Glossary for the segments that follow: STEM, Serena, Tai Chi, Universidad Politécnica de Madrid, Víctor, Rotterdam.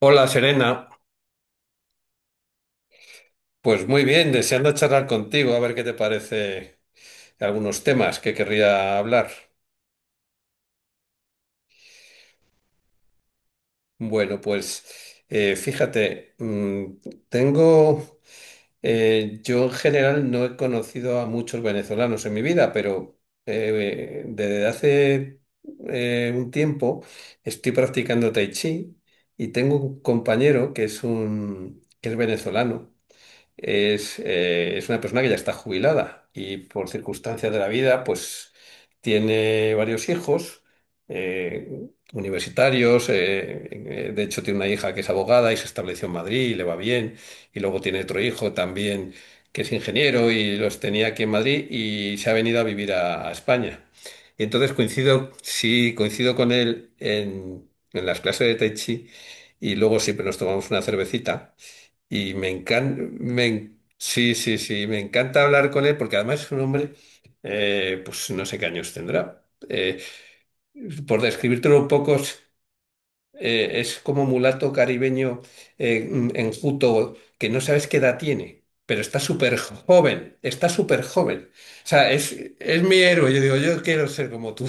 Hola Serena, pues muy bien, deseando charlar contigo, a ver qué te parece algunos temas que querría hablar. Bueno, pues fíjate, tengo, yo en general no he conocido a muchos venezolanos en mi vida, pero desde hace un tiempo estoy practicando Tai Chi y tengo un compañero que es venezolano. Es una persona que ya está jubilada y por circunstancias de la vida, pues tiene varios hijos eh, universitarios. De hecho, tiene una hija que es abogada y se estableció en Madrid y le va bien. Y luego tiene otro hijo también que es ingeniero y los tenía aquí en Madrid y se ha venido a vivir a España. Y entonces coincido, sí, coincido con él en las clases de Tai Chi y luego siempre nos tomamos una cervecita. Y me encanta, sí, sí, sí, me encanta hablar con él porque además es un hombre, pues no sé qué años tendrá. Eh, por describírtelo un poco, es como mulato caribeño enjuto que no sabes qué edad tiene, pero está súper joven, está súper joven. O sea, es mi héroe, yo digo, yo quiero ser como tú.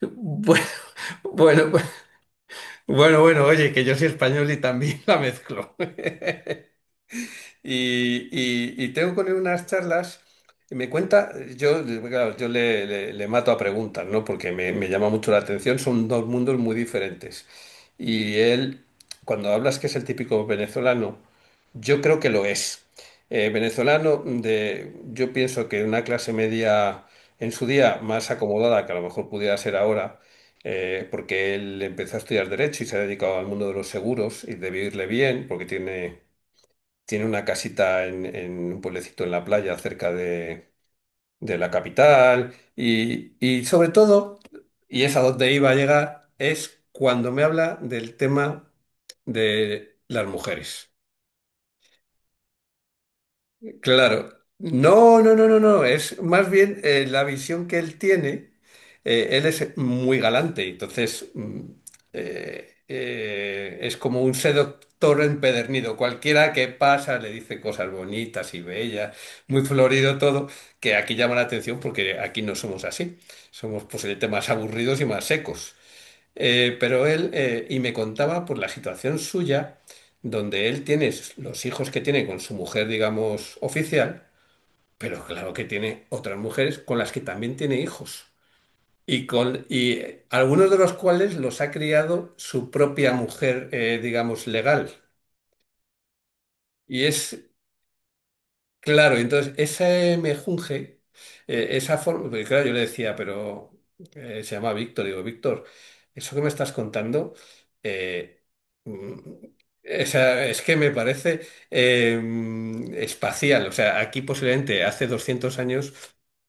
Bueno, bueno, bueno, oye, que yo soy español y también la mezclo. Y tengo con él unas charlas. Y me cuenta. yo, claro, le mato a preguntas, ¿no? Porque me llama mucho la atención, son dos mundos muy diferentes. Y él, cuando hablas que es el típico venezolano, yo creo que lo es. Venezolano de, yo pienso que una clase media en su día más acomodada que a lo mejor pudiera ser ahora, porque él empezó a estudiar derecho y se ha dedicado al mundo de los seguros y debió irle bien porque tiene una casita en un pueblecito en la playa cerca de la capital y sobre todo, y es a donde iba a llegar, es cuando me habla del tema de las mujeres. Claro. No, no, no, no, no. Es más bien la visión que él tiene. Él es muy galante, entonces es como un seductor empedernido. Cualquiera que pasa le dice cosas bonitas y bellas, muy florido todo, que aquí llama la atención porque aquí no somos así. Somos posiblemente más aburridos y más secos. Pero él, y me contaba por la situación suya, donde él tiene los hijos que tiene con su mujer, digamos, oficial, pero claro que tiene otras mujeres con las que también tiene hijos. Y, con, y Algunos de los cuales los ha criado su propia mujer, digamos, legal. Y es Claro, entonces ese mejunje, esa forma, porque claro, yo le decía, pero se llama Víctor, digo, Víctor, eso que me estás contando, eh, mm, o sea, es que me parece espacial, o sea, aquí posiblemente hace 200 años,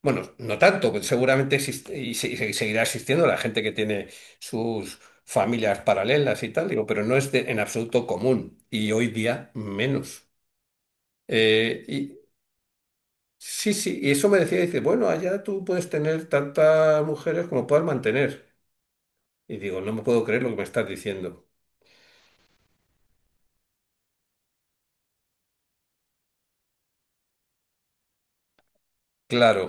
bueno, no tanto, pues seguramente existe y seguirá existiendo la gente que tiene sus familias paralelas y tal, digo, pero no es en absoluto común y hoy día menos. Eh, Sí, sí, y eso me decía, dice, bueno, allá tú puedes tener tantas mujeres como puedas mantener. Y digo, no me puedo creer lo que me estás diciendo. Claro,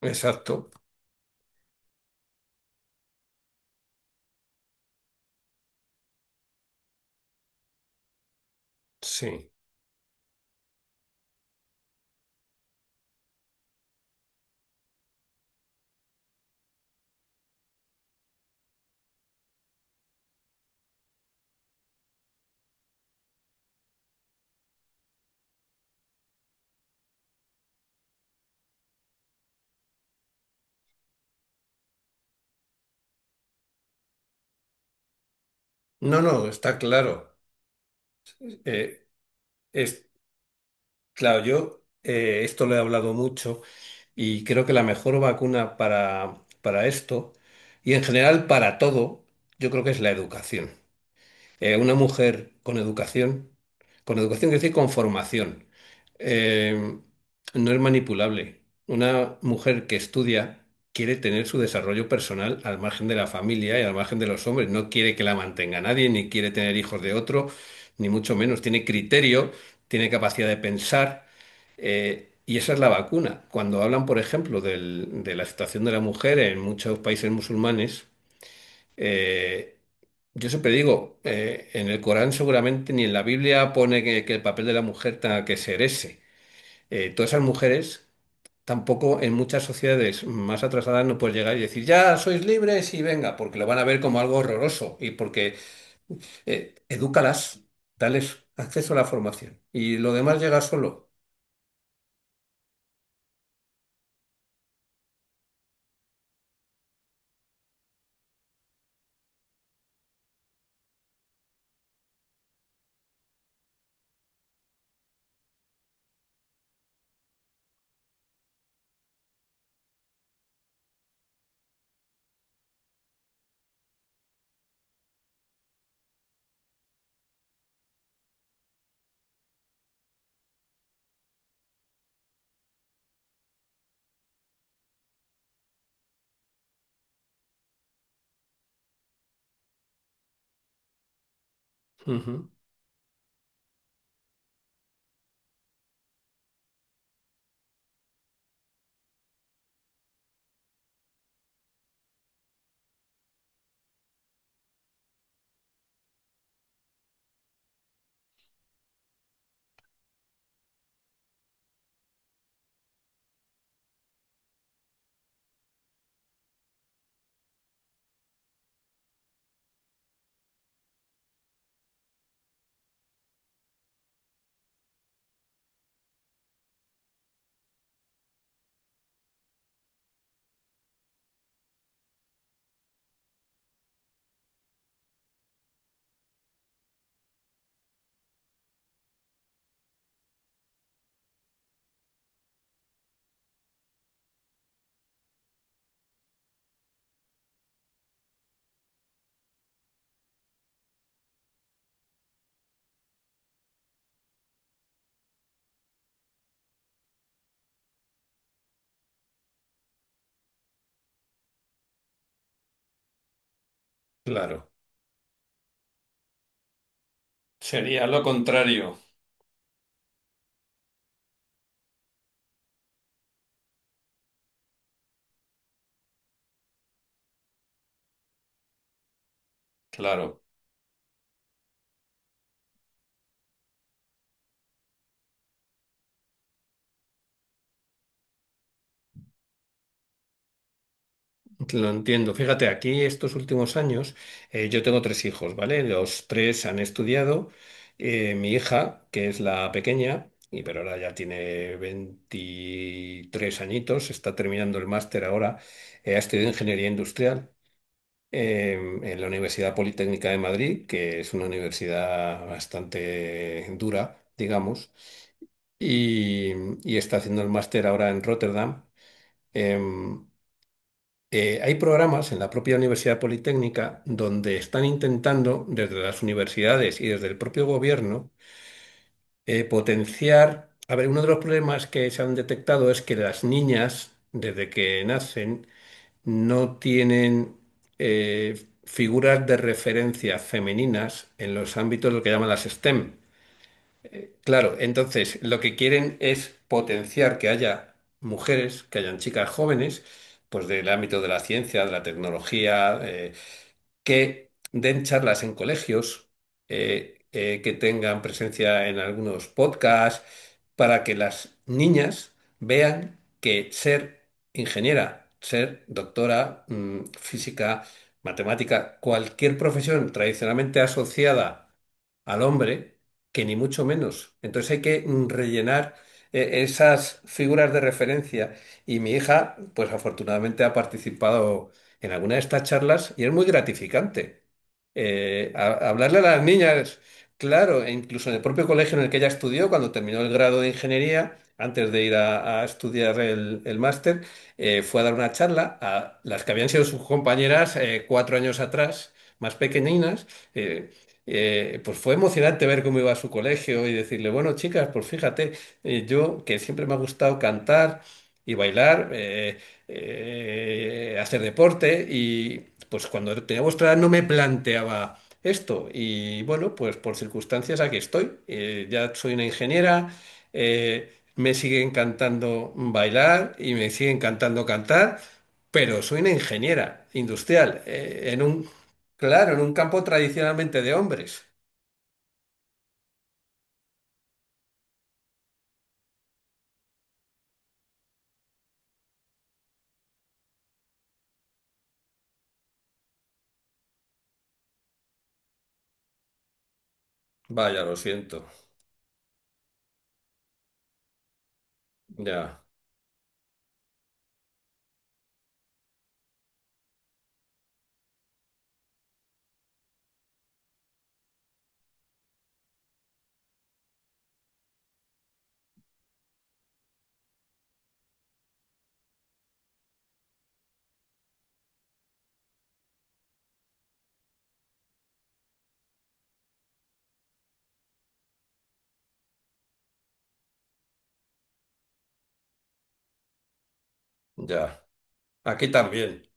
exacto, sí. No, no, está claro. Eh, es, claro, yo esto lo he hablado mucho y creo que la mejor vacuna para esto y en general para todo, yo creo que es la educación. Una mujer con educación quiere decir con formación, eh, no es manipulable. Una mujer que estudia quiere tener su desarrollo personal al margen de la familia y al margen de los hombres. No quiere que la mantenga nadie, ni quiere tener hijos de otro, ni mucho menos. Tiene criterio, tiene capacidad de pensar. Y esa es la vacuna. Cuando hablan, por ejemplo, de la situación de la mujer en muchos países musulmanes, eh, yo siempre digo, en el Corán seguramente ni en la Biblia pone que el papel de la mujer tenga que ser ese. Todas esas mujeres, tampoco en muchas sociedades más atrasadas no puedes llegar y decir, ya sois libres y venga, porque lo van a ver como algo horroroso y porque edúcalas, dales acceso a la formación y lo demás llega solo. Ujú. Claro. Sería lo contrario. Claro. Lo entiendo. Fíjate, aquí estos últimos años yo tengo tres hijos, ¿vale? Los tres han estudiado. Mi hija, que es la pequeña, y pero ahora ya tiene 23 añitos, está terminando el máster ahora, ha estudiado ingeniería industrial eh, en la Universidad Politécnica de Madrid, que es una universidad bastante dura, digamos, y, y está haciendo el máster ahora en Rotterdam. Em, Hay programas en la propia Universidad Politécnica donde están intentando, desde las universidades y desde el propio gobierno, potenciar. A ver, uno de los problemas que se han detectado es que las niñas, desde que nacen, no tienen figuras de referencia femeninas en los ámbitos de lo que llaman las STEM. Claro, entonces lo que quieren es potenciar que haya mujeres, que hayan chicas jóvenes, pues del ámbito de la ciencia, de la tecnología, que den charlas en colegios, que tengan presencia en algunos podcasts, para que las niñas vean que ser ingeniera, ser doctora, física, matemática, cualquier profesión tradicionalmente asociada al hombre, que ni mucho menos. Entonces hay que rellenar esas figuras de referencia. Y mi hija, pues afortunadamente ha participado en alguna de estas charlas y es muy gratificante. Hablarle a las niñas, claro, e incluso en el propio colegio en el que ella estudió, cuando terminó el grado de ingeniería, antes de ir a estudiar el máster, fue a dar una charla a las que habían sido sus compañeras 4 años atrás, más pequeñinas. eh, pues fue emocionante ver cómo iba a su colegio y decirle, bueno, chicas, pues fíjate, yo que siempre me ha gustado cantar y bailar, hacer deporte y pues cuando tenía vuestra edad no me planteaba esto y bueno, pues por circunstancias aquí estoy. Ya soy una ingeniera, me sigue encantando bailar y me sigue encantando cantar. Pero soy una ingeniera industrial en un Claro, en un campo tradicionalmente de hombres. Vaya, lo siento. Ya, ya. Aquí también.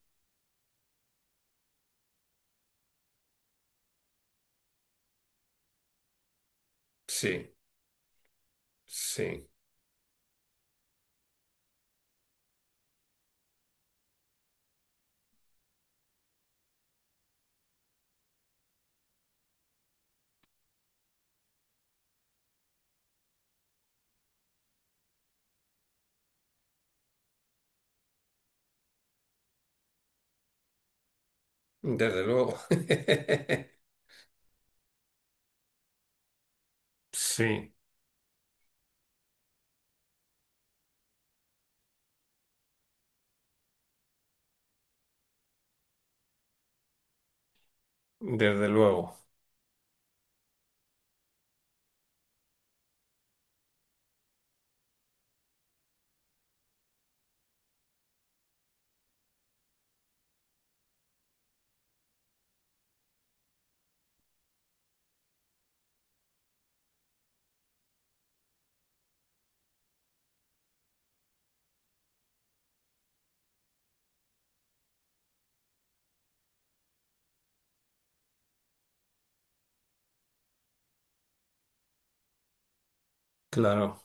Sí, sí. Desde luego. Sí, desde luego. Claro,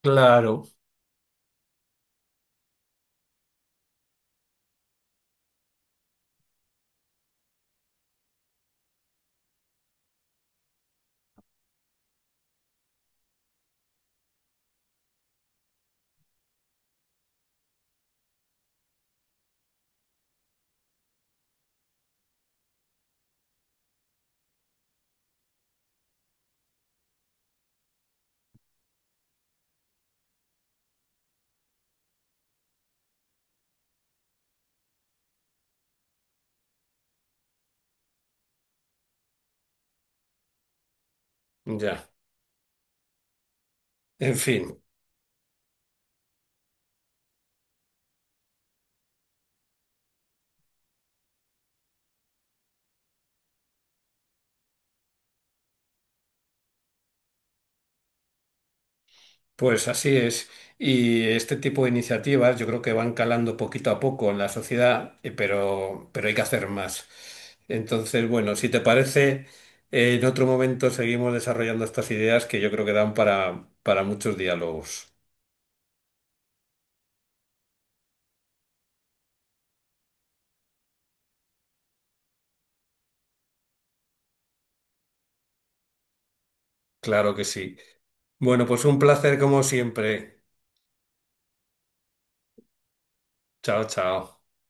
claro. Ya. En fin. Pues así es. Y este tipo de iniciativas yo creo que van calando poquito a poco en la sociedad, pero hay que hacer más. Entonces, bueno, si te parece, en otro momento seguimos desarrollando estas ideas que yo creo que dan para muchos diálogos. Claro que sí. Bueno, pues un placer como siempre. Chao, chao.